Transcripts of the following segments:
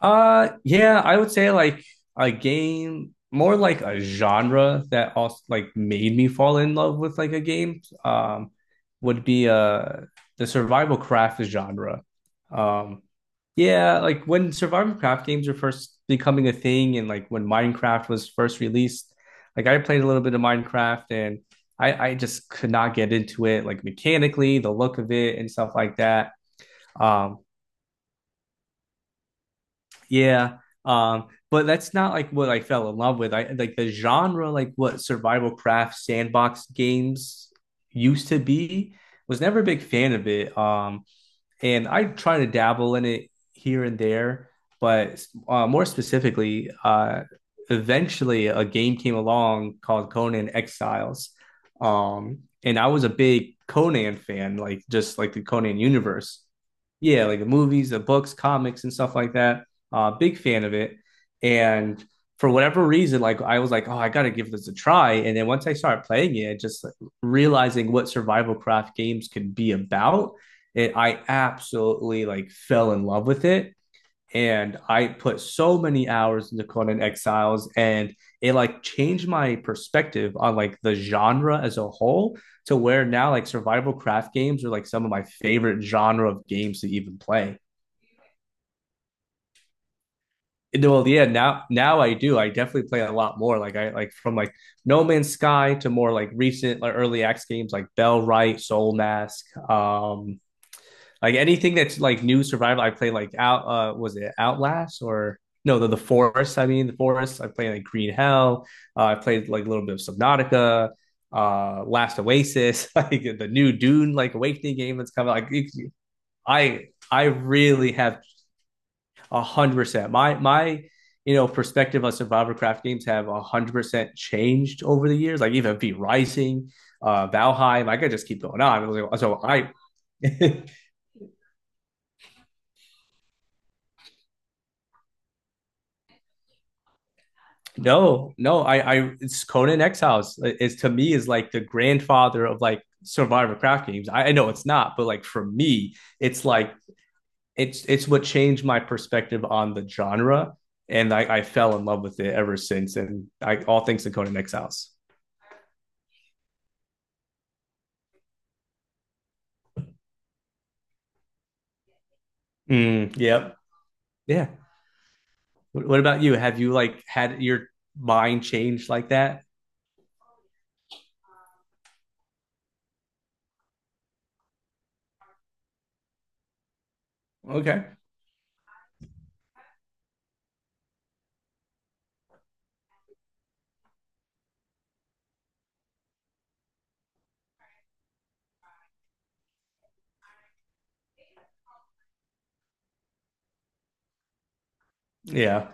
Yeah, I would say like a game, more like a genre that also like made me fall in love with like a game, would be the survival craft genre. Um, yeah, like when survival craft games were first becoming a thing, and like when Minecraft was first released, like I played a little bit of Minecraft and I just could not get into it, like mechanically, the look of it and stuff like that. Um, Yeah. But that's not like what I fell in love with. I like the genre, like what survival craft sandbox games used to be, was never a big fan of it. And I try to dabble in it here and there, but more specifically, eventually a game came along called Conan Exiles, and I was a big Conan fan, like just like the Conan universe. Yeah, like the movies, the books, comics, and stuff like that. Big fan of it, and for whatever reason, like I was like, oh, I gotta give this a try. And then once I started playing it, just like, realizing what survival craft games could be about, and I absolutely like fell in love with it. And I put so many hours into Conan Exiles, and it like changed my perspective on like the genre as a whole to where now like survival craft games are like some of my favorite genre of games to even play. Well, yeah, now I do. I definitely play a lot more. Like I like from like No Man's Sky to more like recent like early access games like Bell Right, Soul Mask, like anything that's like new survival, I play like out. Was it Outlast or no? The Forest. I mean, the Forest. I play like Green Hell. I played like a little bit of Subnautica. Last Oasis. Like the new Dune like Awakening game that's coming. Like it- I really have 100%. My perspective on survival craft games have 100% changed over the years. Like even V Rising, Valheim. I could just keep going on. So I No, no, it's Conan Exiles is to me is like the grandfather of like survivor craft games. I know it's not, but like for me, it's like it's what changed my perspective on the genre, and I fell in love with it ever since. And I all thanks to Conan Exiles. Mm, yep, yeah. What about you? Have you like had your mind changed like that? Okay, yeah,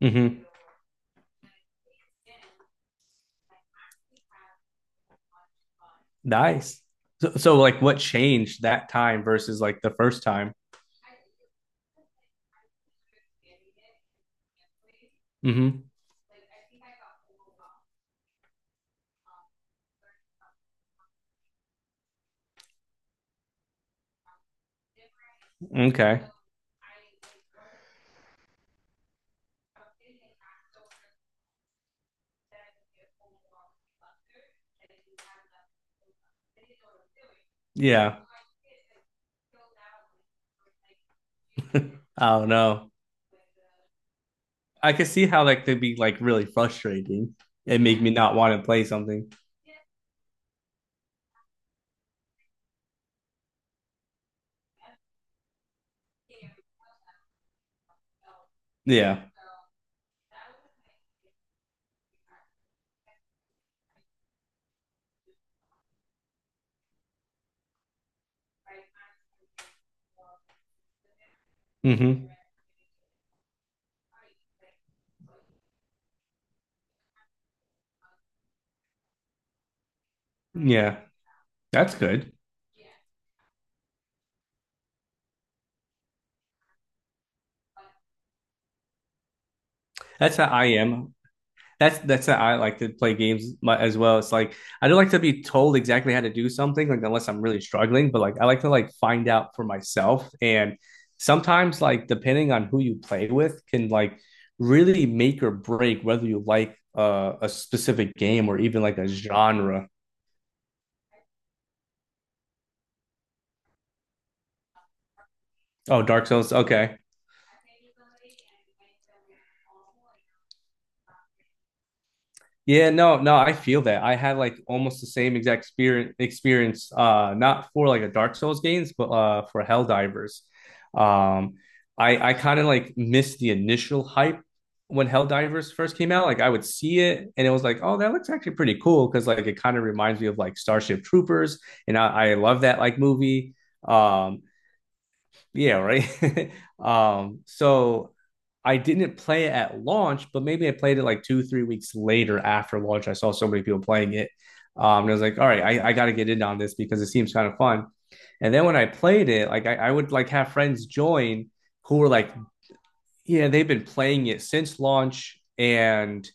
hmm, nice. So like, what changed that time versus like the first time? Hmm. Okay. Yeah. I don't know. I could see how that could be like really frustrating and make me not want to play something. Yeah. Hmm. Yeah. That's good. That's how I am. That's how I like to play games mu- as well. It's like I don't like to be told exactly how to do something, like unless I'm really struggling, but like I like to like find out for myself. And sometimes like depending on who you play with can like really make or break whether you like a specific game or even like a genre. Oh, Dark Souls. Okay. Yeah, no, no, I feel that. I had like almost the same exact experience experience not for like the Dark Souls games, but for Helldivers. Um I kind of like missed the initial hype when Helldivers first came out. Like I would see it and it was like, "Oh, that looks actually pretty cool," because like it kind of reminds me of like Starship Troopers, and I love that like movie. Um Yeah, right. So I didn't play it at launch, but maybe I played it like two, 3 weeks later after launch. I saw so many people playing it. And I was like, all right, I got to get in on this because it seems kind of fun. And then when I played it, like I would like have friends join who were like, yeah, they've been playing it since launch and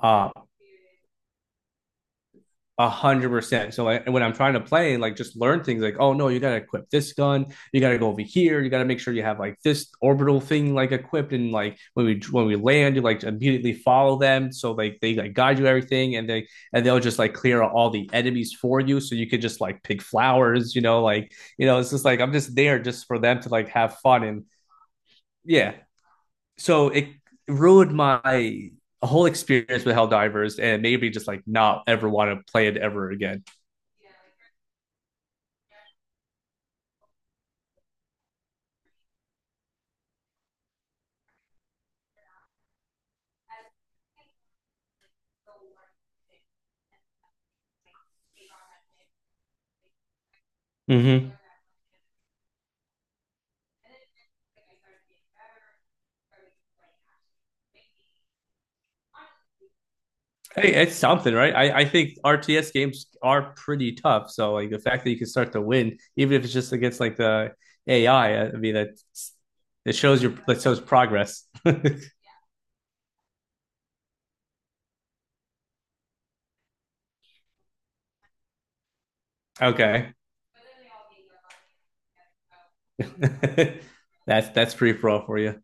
uh, 100%. So I, when I'm trying to play, like just learn things like, oh no, you gotta equip this gun, you gotta go over here, you gotta make sure you have like this orbital thing like equipped, and like when we land, you like immediately follow them, so like they like guide you everything, and they'll just like clear out all the enemies for you, so you could just like pick flowers, like it's just like I'm just there just for them to like have fun and yeah. So it ruined my whole experience with Helldivers and maybe just like not ever want to play it ever again. Hmm. Hey, it's something, right? I think RTS games are pretty tough. So like the fact that you can start to win, even if it's just against like the AI, I mean that it shows your that shows progress. Okay. That's pretty pro for you.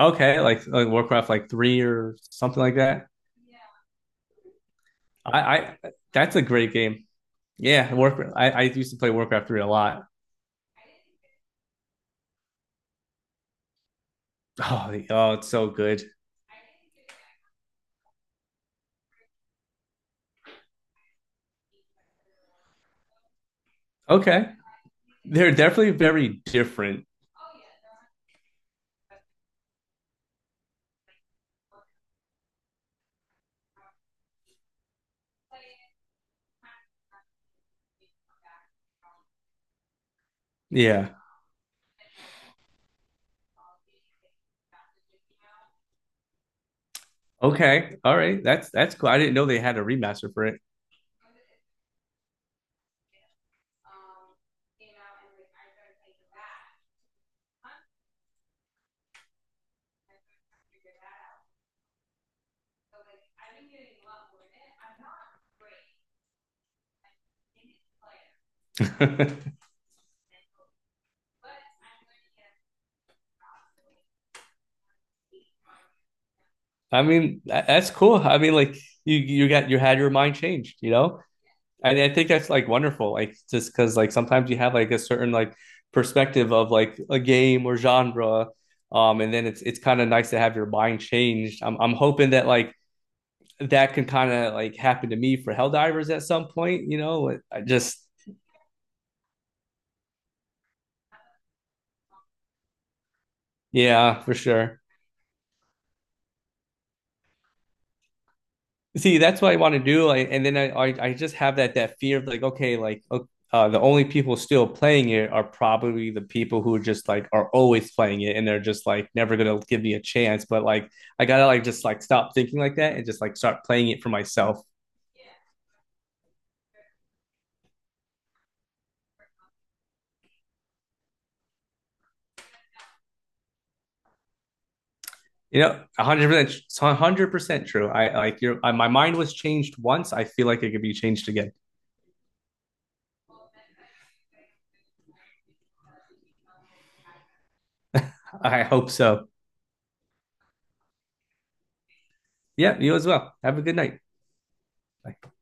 Okay, like Warcraft like three or something like that. I that's a great game. Yeah, Warcraft. I used to play Warcraft three a lot. Oh, the- oh, it's so good. Okay. They're definitely very different. Yeah. Okay. All right. That's cool. I didn't know they had a remaster for it. I mean, tha- that's cool. I mean, like you got you had your mind changed, you know? And I think that's like wonderful. Like just because like sometimes you have like a certain like perspective of like a game or genre. And then it's kind of nice to have your mind changed. I'm hoping that like that can kind of like happen to me for Helldivers at some point, you know? Like, I just yeah, for sure. See, that's what I want to do. Like, and then I just have that fear of like, okay, like the only people still playing it are probably the people who just like are always playing it and they're just like never gonna give me a chance. But like I gotta like just like stop thinking like that and just like start playing it for myself. You know, 100%, 100% true. I like your I, my mind was changed once. I feel like it could be changed again. I hope so. Yeah, you as well. Have a good night. Bye.